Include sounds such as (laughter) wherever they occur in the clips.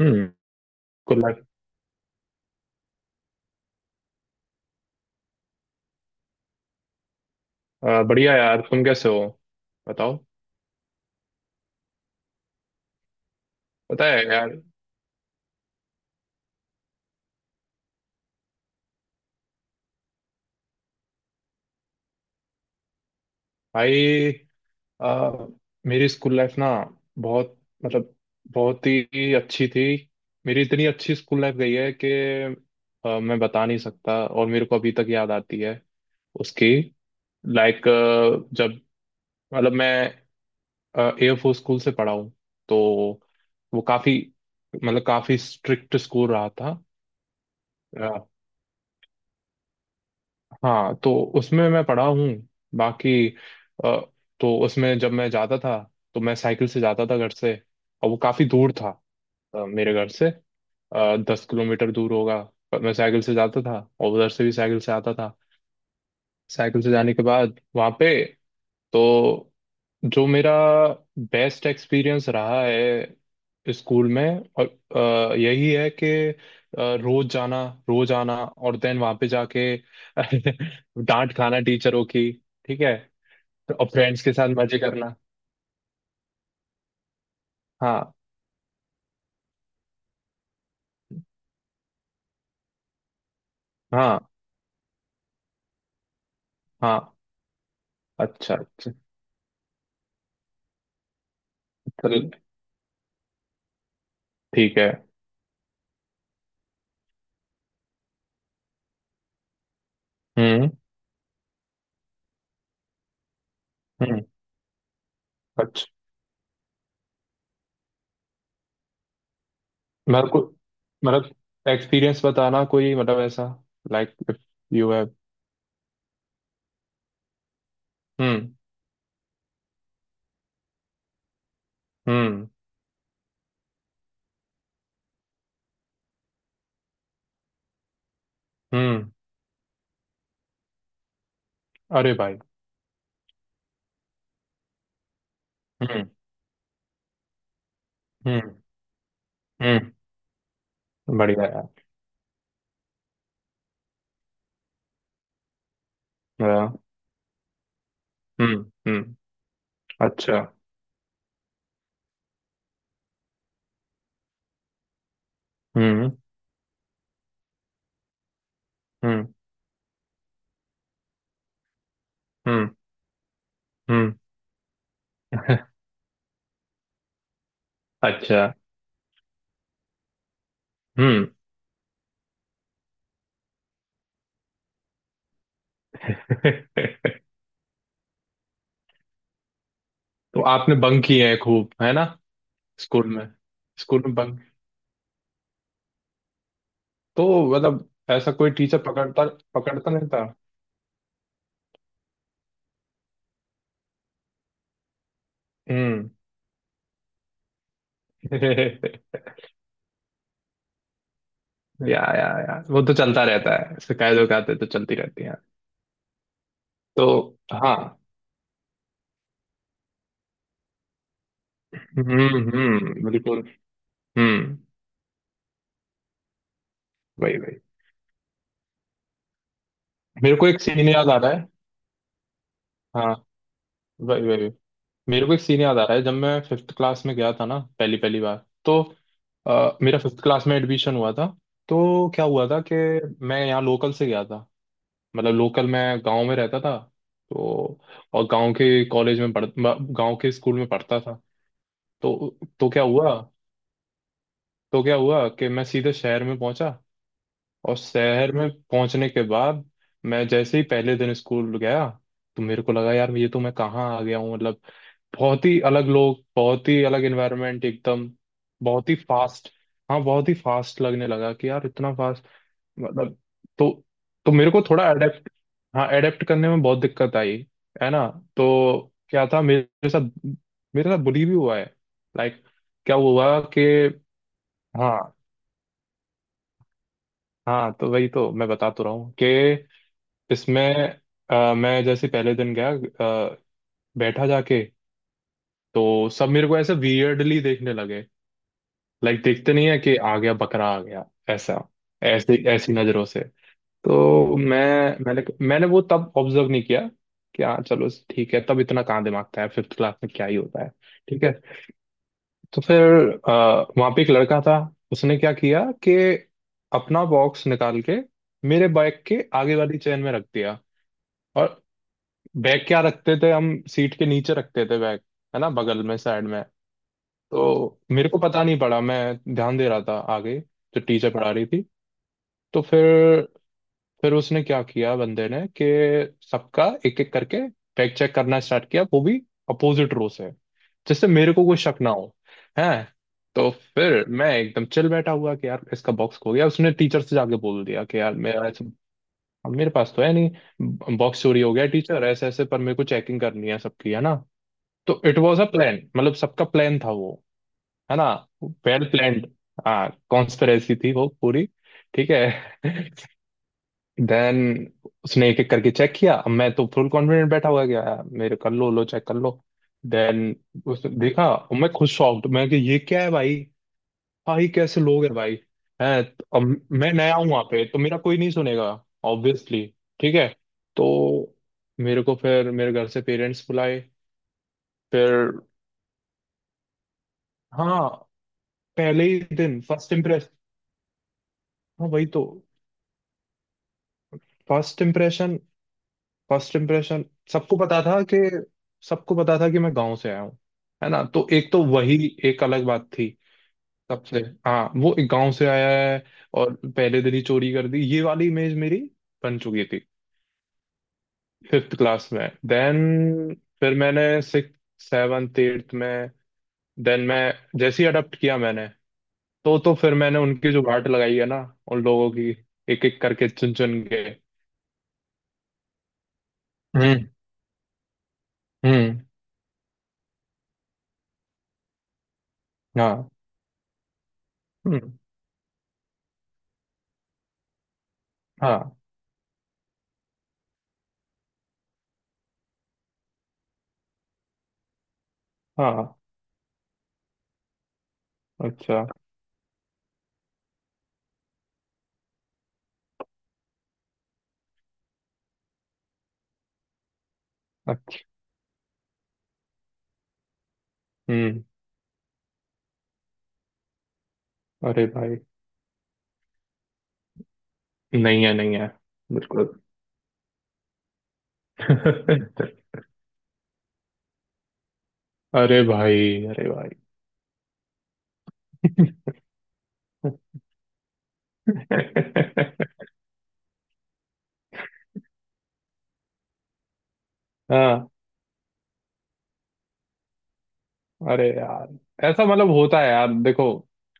हम्म। Good luck. बढ़िया यार, तुम कैसे हो? बताओ। पता है यार। भाई, अ, मेरी स्कूल लाइफ ना, बहुत, मतलब, बहुत ही अच्छी थी। मेरी इतनी अच्छी स्कूल लाइफ गई है कि मैं बता नहीं सकता, और मेरे को अभी तक याद आती है उसकी। लाइक, जब, मतलब, मैं एयरफोर्स स्कूल से पढ़ा हूँ। तो वो काफ़ी, मतलब काफ़ी स्ट्रिक्ट स्कूल रहा था। हाँ, तो उसमें मैं पढ़ा हूँ, बाकी अ, तो उसमें जब मैं जाता था तो मैं साइकिल से जाता था घर से। और वो काफ़ी दूर था मेरे घर से। 10 किलोमीटर दूर होगा। पर मैं साइकिल से जाता था और उधर से भी साइकिल से आता था। साइकिल से जाने के बाद वहाँ पे, तो जो मेरा बेस्ट एक्सपीरियंस रहा है स्कूल में और यही है कि रोज जाना, रोज आना और देन वहां पे जाके (laughs) डांट खाना टीचरों की। ठीक है। तो और फ्रेंड्स के साथ मजे करना। हाँ, हाँ, हाँ। अच्छा, अच्छा। चल ठीक है। हम्म। हम्म। अच्छा, मेरे को, मतलब एक्सपीरियंस बताना कोई, मतलब ऐसा, लाइक इफ यू हैव। हम्म। हम्म। हम्म। अरे भाई। हम्म। हम्म। हम्म। बढ़िया है। हाँ। हम्म। हम्म। अच्छा। हम्म। हम्म। हम्म। हम्म। (laughs) अच्छा। हम्म। (laughs) तो आपने बंक किए हैं खूब, है ना? स्कूल में, स्कूल में बंक, तो मतलब ऐसा कोई टीचर पकड़ता, पकड़ता नहीं था? हम्म। (laughs) या, वो तो चलता रहता है। शिकायत विकायतें तो चलती रहती हैं। तो हाँ। हम्म। हम्म, बिल्कुल। हम्म। वही वही। मेरे को एक सीन याद आ रहा है। हाँ, वही वही। मेरे को एक सीन याद आ रहा है, जब मैं फिफ्थ क्लास में गया था ना पहली पहली बार। तो मेरा फिफ्थ क्लास में एडमिशन हुआ था। तो क्या हुआ था कि मैं यहाँ लोकल से गया था, मतलब लोकल मैं गांव में रहता था तो, और गांव के कॉलेज में पढ़, गांव के स्कूल में पढ़ता था। तो क्या हुआ, तो क्या हुआ कि मैं सीधे शहर में पहुंचा। और शहर में पहुंचने के बाद मैं जैसे ही पहले दिन स्कूल गया तो मेरे को लगा यार, ये तो मैं कहाँ आ गया हूँ? मतलब बहुत ही अलग लोग, बहुत ही अलग एनवायरनमेंट, एकदम बहुत ही फास्ट। हाँ, बहुत ही फास्ट लगने लगा कि यार, इतना फास्ट, मतलब। तो तो मेरे को थोड़ा अडेप्ट, हाँ अडेप्ट करने में बहुत दिक्कत आई, है ना। तो क्या था मेरे साथ, मेरे साथ बुली भी हुआ है। लाइक, क्या हुआ कि, हाँ, हाँ तो वही तो मैं बता तो रहा हूँ कि इसमें मैं जैसे पहले दिन गया, बैठा जाके, तो सब मेरे को ऐसे वियर्डली देखने लगे। लाइक, देखते नहीं है कि आ गया बकरा, आ गया ऐसा, ऐसे, ऐसी नजरों से। तो मैंने वो तब ऑब्जर्व नहीं किया कि हाँ चलो, ठीक है, तब इतना कहाँ दिमाग था, फिफ्थ क्लास में क्या ही होता है। ठीक है। तो फिर वहां पे एक लड़का था, उसने क्या किया कि अपना बॉक्स निकाल के मेरे बैग के आगे वाली चेन में रख दिया। और बैग क्या रखते थे हम, सीट के नीचे रखते थे बैग, है ना, बगल में, साइड में। तो मेरे को पता नहीं पड़ा, मैं ध्यान दे रहा था आगे, जो टीचर पढ़ा रही थी। तो फिर उसने क्या किया बंदे ने कि सबका एक एक करके फैक्ट चेक करना स्टार्ट किया, वो भी अपोजिट रो से, जिससे मेरे को कोई शक ना हो। है। तो फिर मैं एकदम चिल बैठा हुआ कि यार इसका बॉक्स खो गया, उसने टीचर से जाके बोल दिया कि यार मेरा ऐसे- अब मेरे पास तो है नहीं, बॉक्स चोरी हो गया टीचर ऐसे ऐसे, पर मेरे को चेकिंग करनी है सबकी, है ना। तो इट वाज अ प्लान, मतलब सबका प्लान था वो। है ना, वेल प्लान्ड। हाँ, कॉन्स्पिरेसी थी वो पूरी। ठीक है। (laughs) देन उसने एक एक करके चेक किया। अब मैं तो फुल कॉन्फिडेंट बैठा हुआ गया, यार मेरे कर लो, लो चेक कर लो। देन उसने देखा और मैं खुद शॉक्ड, मैं कि ये क्या है भाई, भाई कैसे लोग हैं भाई। हैं, तो अब मैं नया हूँ वहां पे तो मेरा कोई नहीं सुनेगा, ऑब्वियसली। ठीक है। तो मेरे को फिर, मेरे घर से पेरेंट्स बुलाए। फिर, हाँ, पहले ही दिन फर्स्ट इम्प्रेस, हाँ वही तो, फर्स्ट इम्प्रेशन, फर्स्ट इम्प्रेशन। सबको पता था कि, सबको पता था कि मैं गांव से आया हूँ, है ना, तो एक तो वही, एक अलग बात थी सबसे। हाँ, वो एक गांव से आया है, और पहले दिन ही चोरी कर दी, ये वाली इमेज मेरी बन चुकी थी। फिफ्थ क्लास में देन, फिर मैंने सिक्स, सेवन्थ, एट्थ में, देन मैं जैसे ही अडॉप्ट किया मैंने, तो फिर मैंने उनकी जो वाट लगाई है ना, उन लोगों की, एक एक करके चुन चुन के। हम्म। हम्म। हाँ। हम्म। हाँ, हाँ। अच्छा। हम्म। अरे भाई। नहीं है, नहीं है। बिल्कुल। (laughs) अरे भाई। अरे भाई। (laughs) हाँ। अरे यार, ऐसा मतलब होता है यार देखो,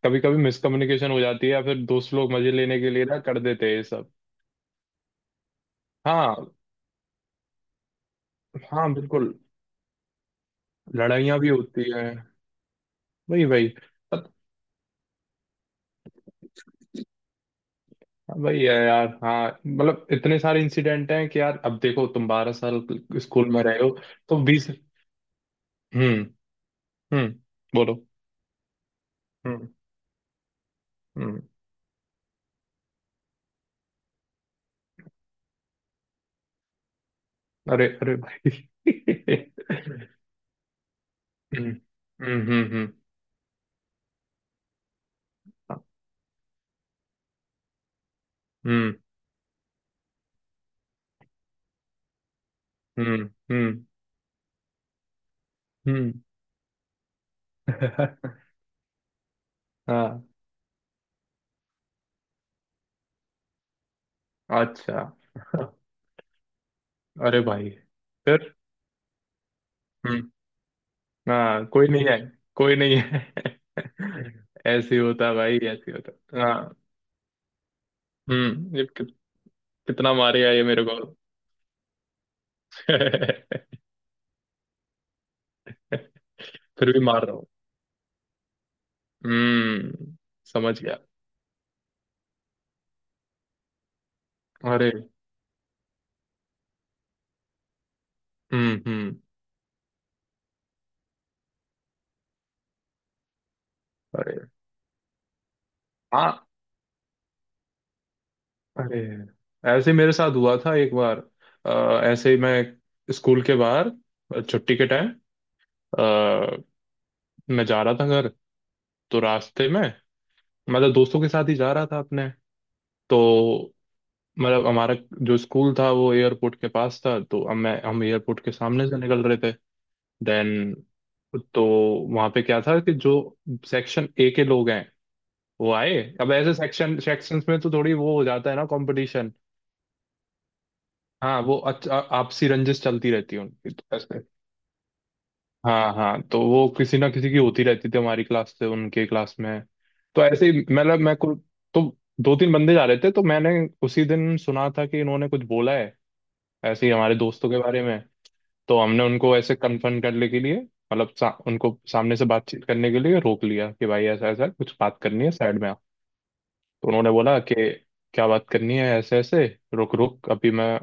कभी कभी मिसकम्युनिकेशन हो जाती है, या फिर दोस्त लोग मजे लेने के लिए ना कर देते हैं ये सब। हाँ, हाँ, बिल्कुल। लड़ाइयाँ भी होती हैं। वही वही, पत- वही है यार। हाँ, मतलब इतने सारे इंसिडेंट हैं कि यार, अब देखो, तुम 12 साल स्कूल में रहे हो, तो बीस। हम्म। हम्म। बोलो। हम्म। हम्म। अरे, अरे भाई। (laughs) हम्म। हम्म। हम्म। हम्म। हम्म। हम्म। हम्म, (laughs) हाँ। अच्छा। (laughs) अरे भाई, फिर। हम्म। हाँ, कोई नहीं है, कोई नहीं है। (laughs) ऐसे ही होता है भाई, ऐसे ही होता है। हाँ। हम्म, ये कि, कितना मारेगा ये मेरे को? (laughs) फिर भी मार रहा हूँ। हम्म, समझ गया। अरे। हम्म। हम्म। अरे। हाँ, अरे, ऐसे ही मेरे साथ हुआ था एक बार। ऐसे ही मैं स्कूल के बाहर, छुट्टी के टाइम, अ, मैं जा रहा था घर। तो रास्ते में, मतलब दोस्तों के साथ ही जा रहा था अपने। तो, मतलब हमारा जो स्कूल था वो एयरपोर्ट के पास था, तो अब मैं, हम एयरपोर्ट के सामने से निकल रहे थे। देन, तो वहाँ पे क्या था कि जो सेक्शन ए के लोग हैं, वो आए। अब ऐसे सेक्शन सेक्शंस में तो थोड़ी वो हो जाता है ना, कंपटीशन। हाँ, वो अच्छा, आपसी रंजिश चलती रहती है उनकी, तो ऐसे। हाँ, हाँ, तो वो किसी ना किसी की होती रहती थी हमारी क्लास से उनके क्लास में। तो ऐसे ही, मतलब, मैं कुछ, तो दो तीन बंदे जा रहे थे, तो मैंने, उसी दिन सुना था कि इन्होंने कुछ बोला है, ऐसे ही हमारे दोस्तों के बारे में। तो हमने उनको ऐसे कन्फर्म करने के लिए, मतलब उनको सामने से बातचीत करने के लिए रोक लिया कि भाई ऐसा ऐसा कुछ बात करनी है, साइड में आप। तो उन्होंने बोला कि क्या बात करनी है, ऐसे ऐसे, रुक रुक, अभी मैं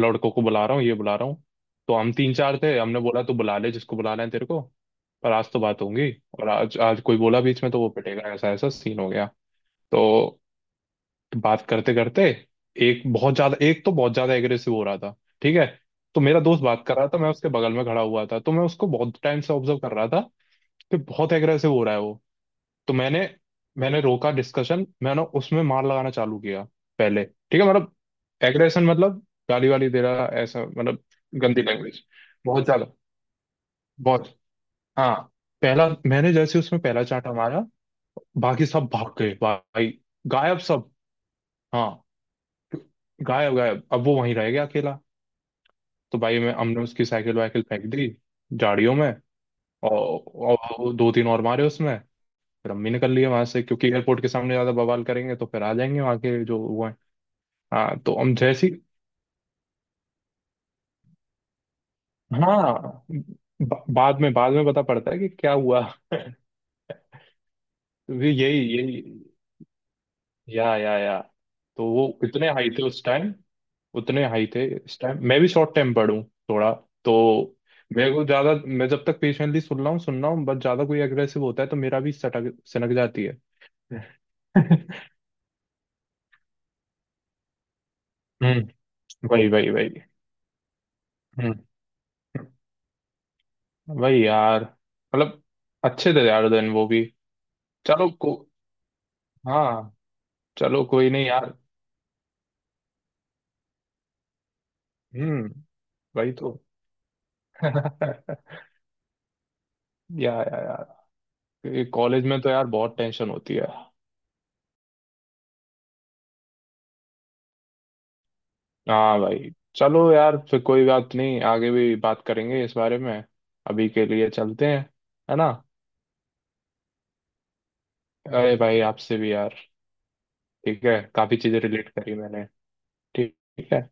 लड़कों को बुला रहा हूँ, ये बुला रहा हूँ। तो हम तीन चार थे, हमने बोला तो बुला ले, जिसको बुलाना है तेरे को। पर आज तो बात होंगी, और आज, आज कोई बोला बीच में तो वो पिटेगा, ऐसा ऐसा सीन हो गया। तो बात करते करते, एक बहुत ज्यादा, एक तो बहुत ज्यादा एग्रेसिव हो रहा था। ठीक है। तो मेरा दोस्त बात कर रहा था, मैं उसके बगल में खड़ा हुआ था, तो मैं उसको बहुत टाइम से ऑब्जर्व कर रहा था कि बहुत एग्रेसिव हो रहा है वो। तो मैंने मैंने रोका डिस्कशन, मैंने उसमें मार लगाना चालू किया। पहले ठीक है, मतलब एग्रेशन, मतलब गाली वाली दे रहा, ऐसा मतलब गंदी लैंग्वेज, बहुत ज्यादा, बहुत। हाँ, पहला मैंने जैसे उसमें पहला चांटा मारा, बाकी सब भाग गए भाई, गायब सब। हाँ, गायब गायब, अब वो वहीं रह गया अकेला। तो भाई मैं, हमने उसकी साइकिल वाइकिल फेंक दी झाड़ियों में, और दो तीन और मारे उसमें। फिर अम्मी ने कर लिया वहां से, क्योंकि एयरपोर्ट के सामने ज्यादा बवाल करेंगे तो फिर आ जाएंगे वहां के जो वो है। हाँ, तो हम जैसी, हाँ, बाद में, बाद में पता पड़ता है कि क्या हुआ। भी यही यही, या, तो वो इतने हाई थे उस टाइम, उतने हाई थे इस टाइम। मैं भी शॉर्ट टेम्पर्ड हूँ थोड़ा। तो मेरे को ज्यादा, मैं जब तक पेशेंटली सुन रहा हूँ, सुन रहा हूँ बस, ज्यादा कोई एग्रेसिव होता है तो मेरा भी सटक, सनक जाती है। (laughs) हम्म। वही वही वही। हम्म। भाई यार, मतलब अच्छे थे यार दिन वो भी, चलो को, हाँ, चलो कोई नहीं यार। हम्म, वही तो। (laughs) या, यार, कॉलेज में तो यार बहुत टेंशन होती है। हाँ भाई, चलो यार फिर, कोई बात नहीं, आगे भी बात करेंगे इस बारे में। अभी के लिए चलते हैं, है ना। अरे भाई, आपसे भी यार, ठीक है, काफी चीजें रिलेट करी मैंने। ठीक है।